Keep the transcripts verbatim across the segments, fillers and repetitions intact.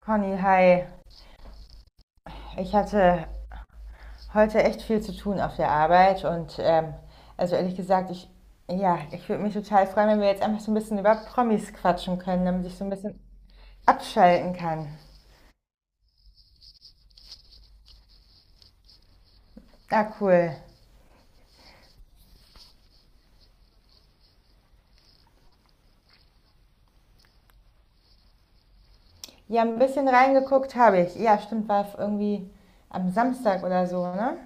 Conny, hi. Ich hatte heute echt viel zu tun auf der Arbeit und ähm, also ehrlich gesagt, ich, ja, ich würde mich total freuen, wenn wir jetzt einfach so ein bisschen über Promis quatschen können, damit ich so ein bisschen abschalten kann. Ah, cool. Ja, ein bisschen reingeguckt habe ich. Ja, stimmt, war irgendwie am Samstag oder so, ne?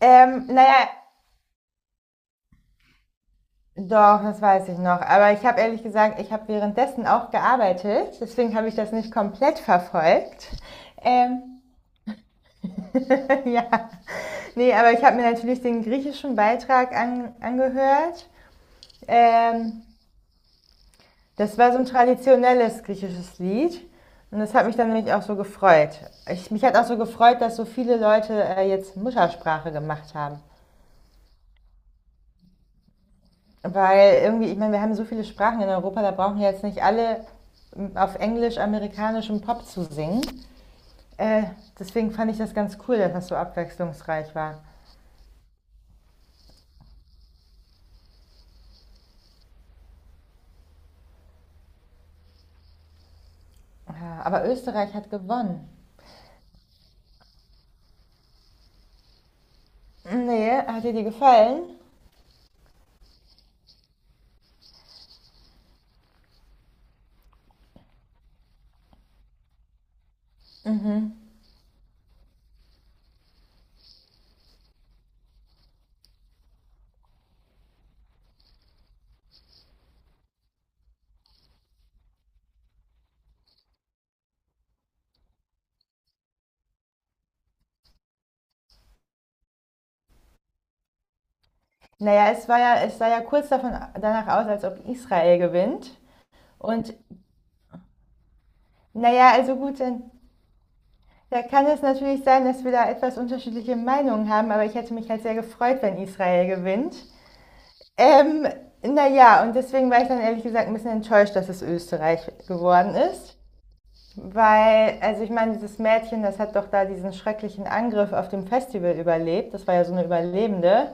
Ähm, naja, doch, das weiß ich noch. Aber ich habe ehrlich gesagt, ich habe währenddessen auch gearbeitet. Deswegen habe ich das nicht komplett verfolgt. Ähm, ja. Nee, aber ich habe mir natürlich den griechischen Beitrag an, angehört. Ähm, das war so ein traditionelles griechisches Lied. Und das hat mich dann nämlich auch so gefreut. Ich, mich hat auch so gefreut, dass so viele Leute äh, jetzt Muttersprache gemacht haben. Weil irgendwie, ich meine, wir haben so viele Sprachen in Europa, da brauchen wir jetzt nicht alle ähm, auf englisch-amerikanischem Pop zu singen. Äh, deswegen fand ich das ganz cool, dass das so abwechslungsreich war. Ja, aber Österreich hat gewonnen. Nee, hat dir die gefallen? Naja, es war ja, es sah ja kurz davon, danach aus, als ob Israel gewinnt. Und naja, also gut, dann da kann es natürlich sein, dass wir da etwas unterschiedliche Meinungen haben, aber ich hätte mich halt sehr gefreut, wenn Israel gewinnt. Ähm, naja, und deswegen war ich dann ehrlich gesagt ein bisschen enttäuscht, dass es Österreich geworden ist. Weil, also ich meine, dieses Mädchen, das hat doch da diesen schrecklichen Angriff auf dem Festival überlebt. Das war ja so eine Überlebende.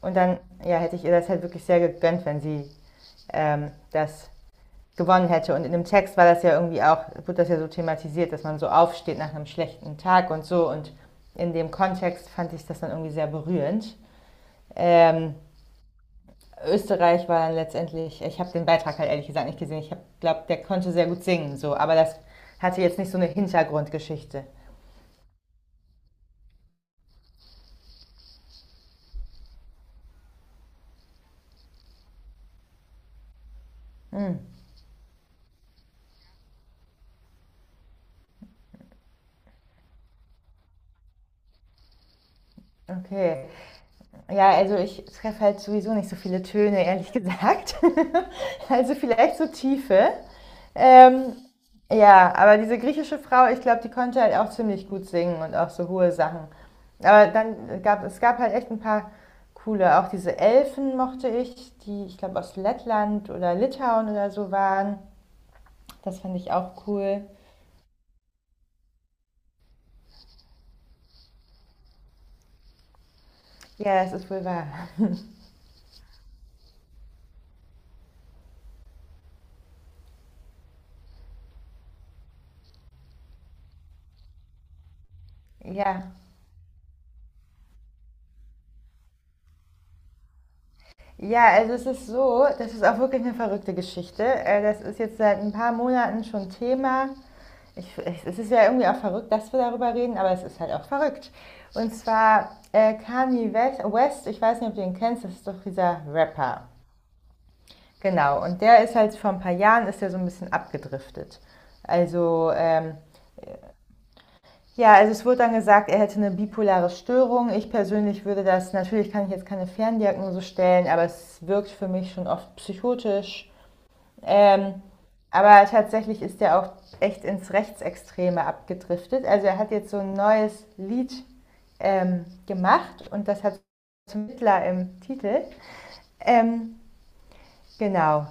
Und dann, ja, hätte ich ihr das halt wirklich sehr gegönnt, wenn sie ähm, das gewonnen hätte. Und in dem Text war das ja irgendwie auch, wird das ja so thematisiert, dass man so aufsteht nach einem schlechten Tag und so. Und in dem Kontext fand ich das dann irgendwie sehr berührend. Ähm, Österreich war dann letztendlich, ich habe den Beitrag halt ehrlich gesagt nicht gesehen. Ich glaube, der konnte sehr gut singen, so, aber das hatte jetzt nicht so eine Hintergrundgeschichte. Hm, okay. Ja, also ich treffe halt sowieso nicht so viele Töne, ehrlich gesagt. also vielleicht so Tiefe. Ähm, ja, aber diese griechische Frau, ich glaube, die konnte halt auch ziemlich gut singen und auch so hohe Sachen. Aber dann gab es gab halt echt ein paar coole, auch diese Elfen mochte ich, die ich glaube aus Lettland oder Litauen oder so waren. Das fand ich auch cool. Ja, das ist wohl wahr. Ja. Ja, also es ist so, das ist auch wirklich eine verrückte Geschichte. Äh, Das ist jetzt seit ein paar Monaten schon Thema. Ich, ich, es ist ja irgendwie auch verrückt, dass wir darüber reden, aber es ist halt auch verrückt. Und zwar äh, Kanye West, ich weiß nicht, ob du ihn kennst, das ist doch dieser Rapper. Genau, und der ist halt vor ein paar Jahren, ist er so ein bisschen abgedriftet. Also, ähm, ja, also es wurde dann gesagt, er hätte eine bipolare Störung. Ich persönlich würde das, natürlich kann ich jetzt keine Ferndiagnose stellen, aber es wirkt für mich schon oft psychotisch. Ähm, aber tatsächlich ist er auch echt ins Rechtsextreme abgedriftet. Also er hat jetzt so ein neues Lied ähm, gemacht und das hat zum Hitler im Titel. Ähm, genau.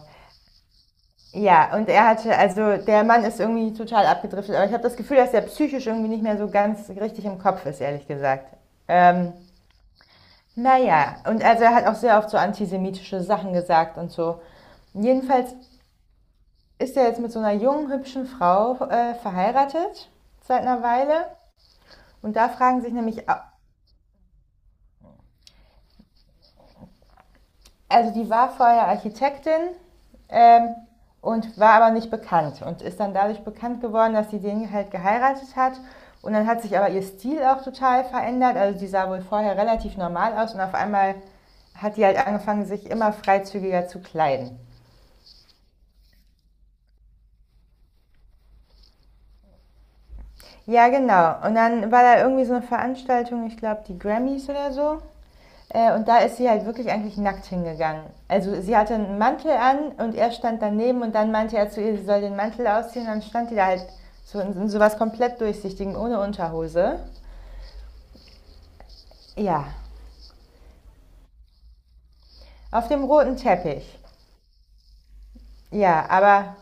Ja, und er hatte, also der Mann ist irgendwie total abgedriftet, aber ich habe das Gefühl, dass er psychisch irgendwie nicht mehr so ganz richtig im Kopf ist, ehrlich gesagt. Ähm, naja, und also er hat auch sehr oft so antisemitische Sachen gesagt und so. Jedenfalls ist ja jetzt mit so einer jungen, hübschen Frau äh, verheiratet seit einer Weile. Und da fragen sich nämlich, also die war vorher Architektin ähm, und war aber nicht bekannt und ist dann dadurch bekannt geworden, dass sie den halt geheiratet hat. Und dann hat sich aber ihr Stil auch total verändert. Also die sah wohl vorher relativ normal aus und auf einmal hat die halt angefangen, sich immer freizügiger zu kleiden. Ja, genau. Und dann war da irgendwie so eine Veranstaltung, ich glaube, die Grammys oder so. Äh, und da ist sie halt wirklich eigentlich nackt hingegangen. Also sie hatte einen Mantel an und er stand daneben und dann meinte er zu ihr, sie soll den Mantel ausziehen. Und dann stand die da halt so in, in sowas komplett durchsichtigen, ohne Unterhose. Ja, auf dem roten Teppich. Ja, aber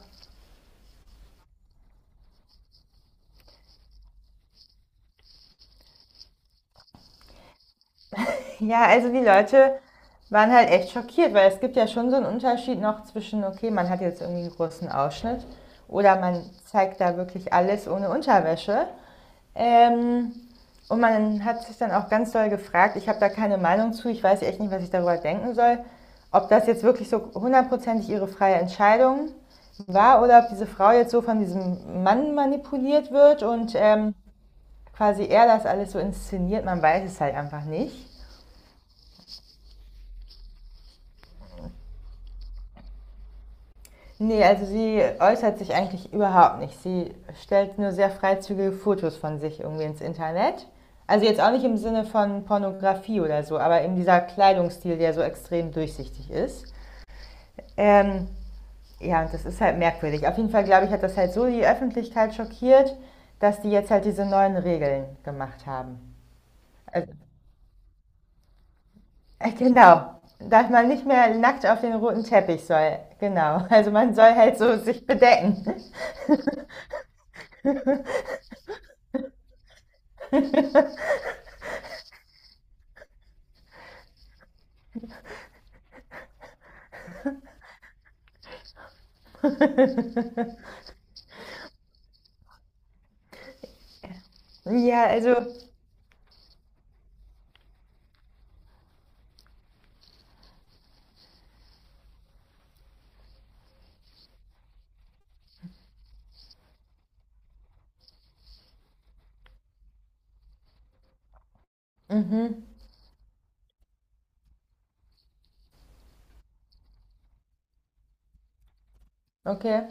ja, also die Leute waren halt echt schockiert, weil es gibt ja schon so einen Unterschied noch zwischen, okay, man hat jetzt irgendwie einen großen Ausschnitt oder man zeigt da wirklich alles ohne Unterwäsche. Ähm, und man hat sich dann auch ganz doll gefragt, ich habe da keine Meinung zu, ich weiß echt nicht, was ich darüber denken soll, ob das jetzt wirklich so hundertprozentig ihre freie Entscheidung war oder ob diese Frau jetzt so von diesem Mann manipuliert wird und ähm, quasi er das alles so inszeniert, man weiß es halt einfach nicht. Nee, also sie äußert sich eigentlich überhaupt nicht. Sie stellt nur sehr freizügige Fotos von sich irgendwie ins Internet. Also jetzt auch nicht im Sinne von Pornografie oder so, aber eben dieser Kleidungsstil, der so extrem durchsichtig ist. Ähm, ja, und das ist halt merkwürdig. Auf jeden Fall, glaube ich, hat das halt so die Öffentlichkeit schockiert, dass die jetzt halt diese neuen Regeln gemacht haben. Also, äh, genau. Dass man nicht mehr nackt auf den roten Teppich soll. Genau. Also man soll halt so sich bedecken. Ja, also, okay.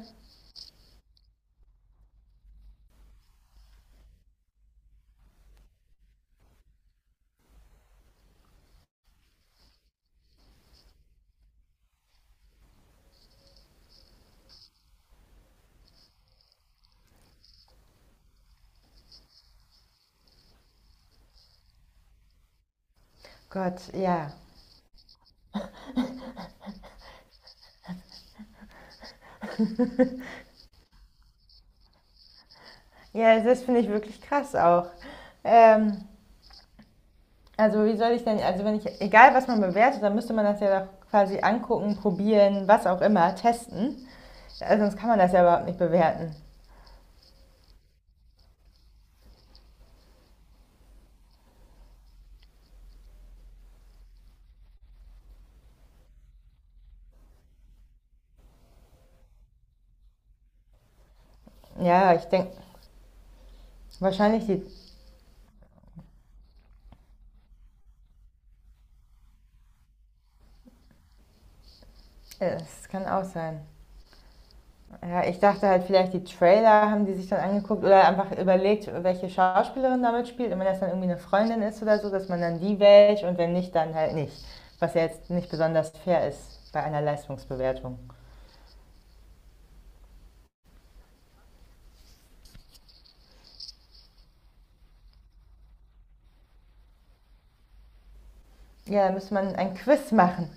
Gott, ja. Ja, das finde ich wirklich krass auch. Ähm, also wie soll ich denn, also wenn ich, egal was man bewertet, dann müsste man das ja doch quasi angucken, probieren, was auch immer, testen. Also sonst kann man das ja überhaupt nicht bewerten. Ja, ich denke, wahrscheinlich die, äh, es kann auch sein. Ja, ich dachte halt vielleicht die Trailer haben die sich dann angeguckt oder einfach überlegt, welche Schauspielerin damit spielt. Und wenn das dann irgendwie eine Freundin ist oder so, dass man dann die wählt und wenn nicht, dann halt nicht. Was ja jetzt nicht besonders fair ist bei einer Leistungsbewertung. Ja, da müsste man ein Quiz machen.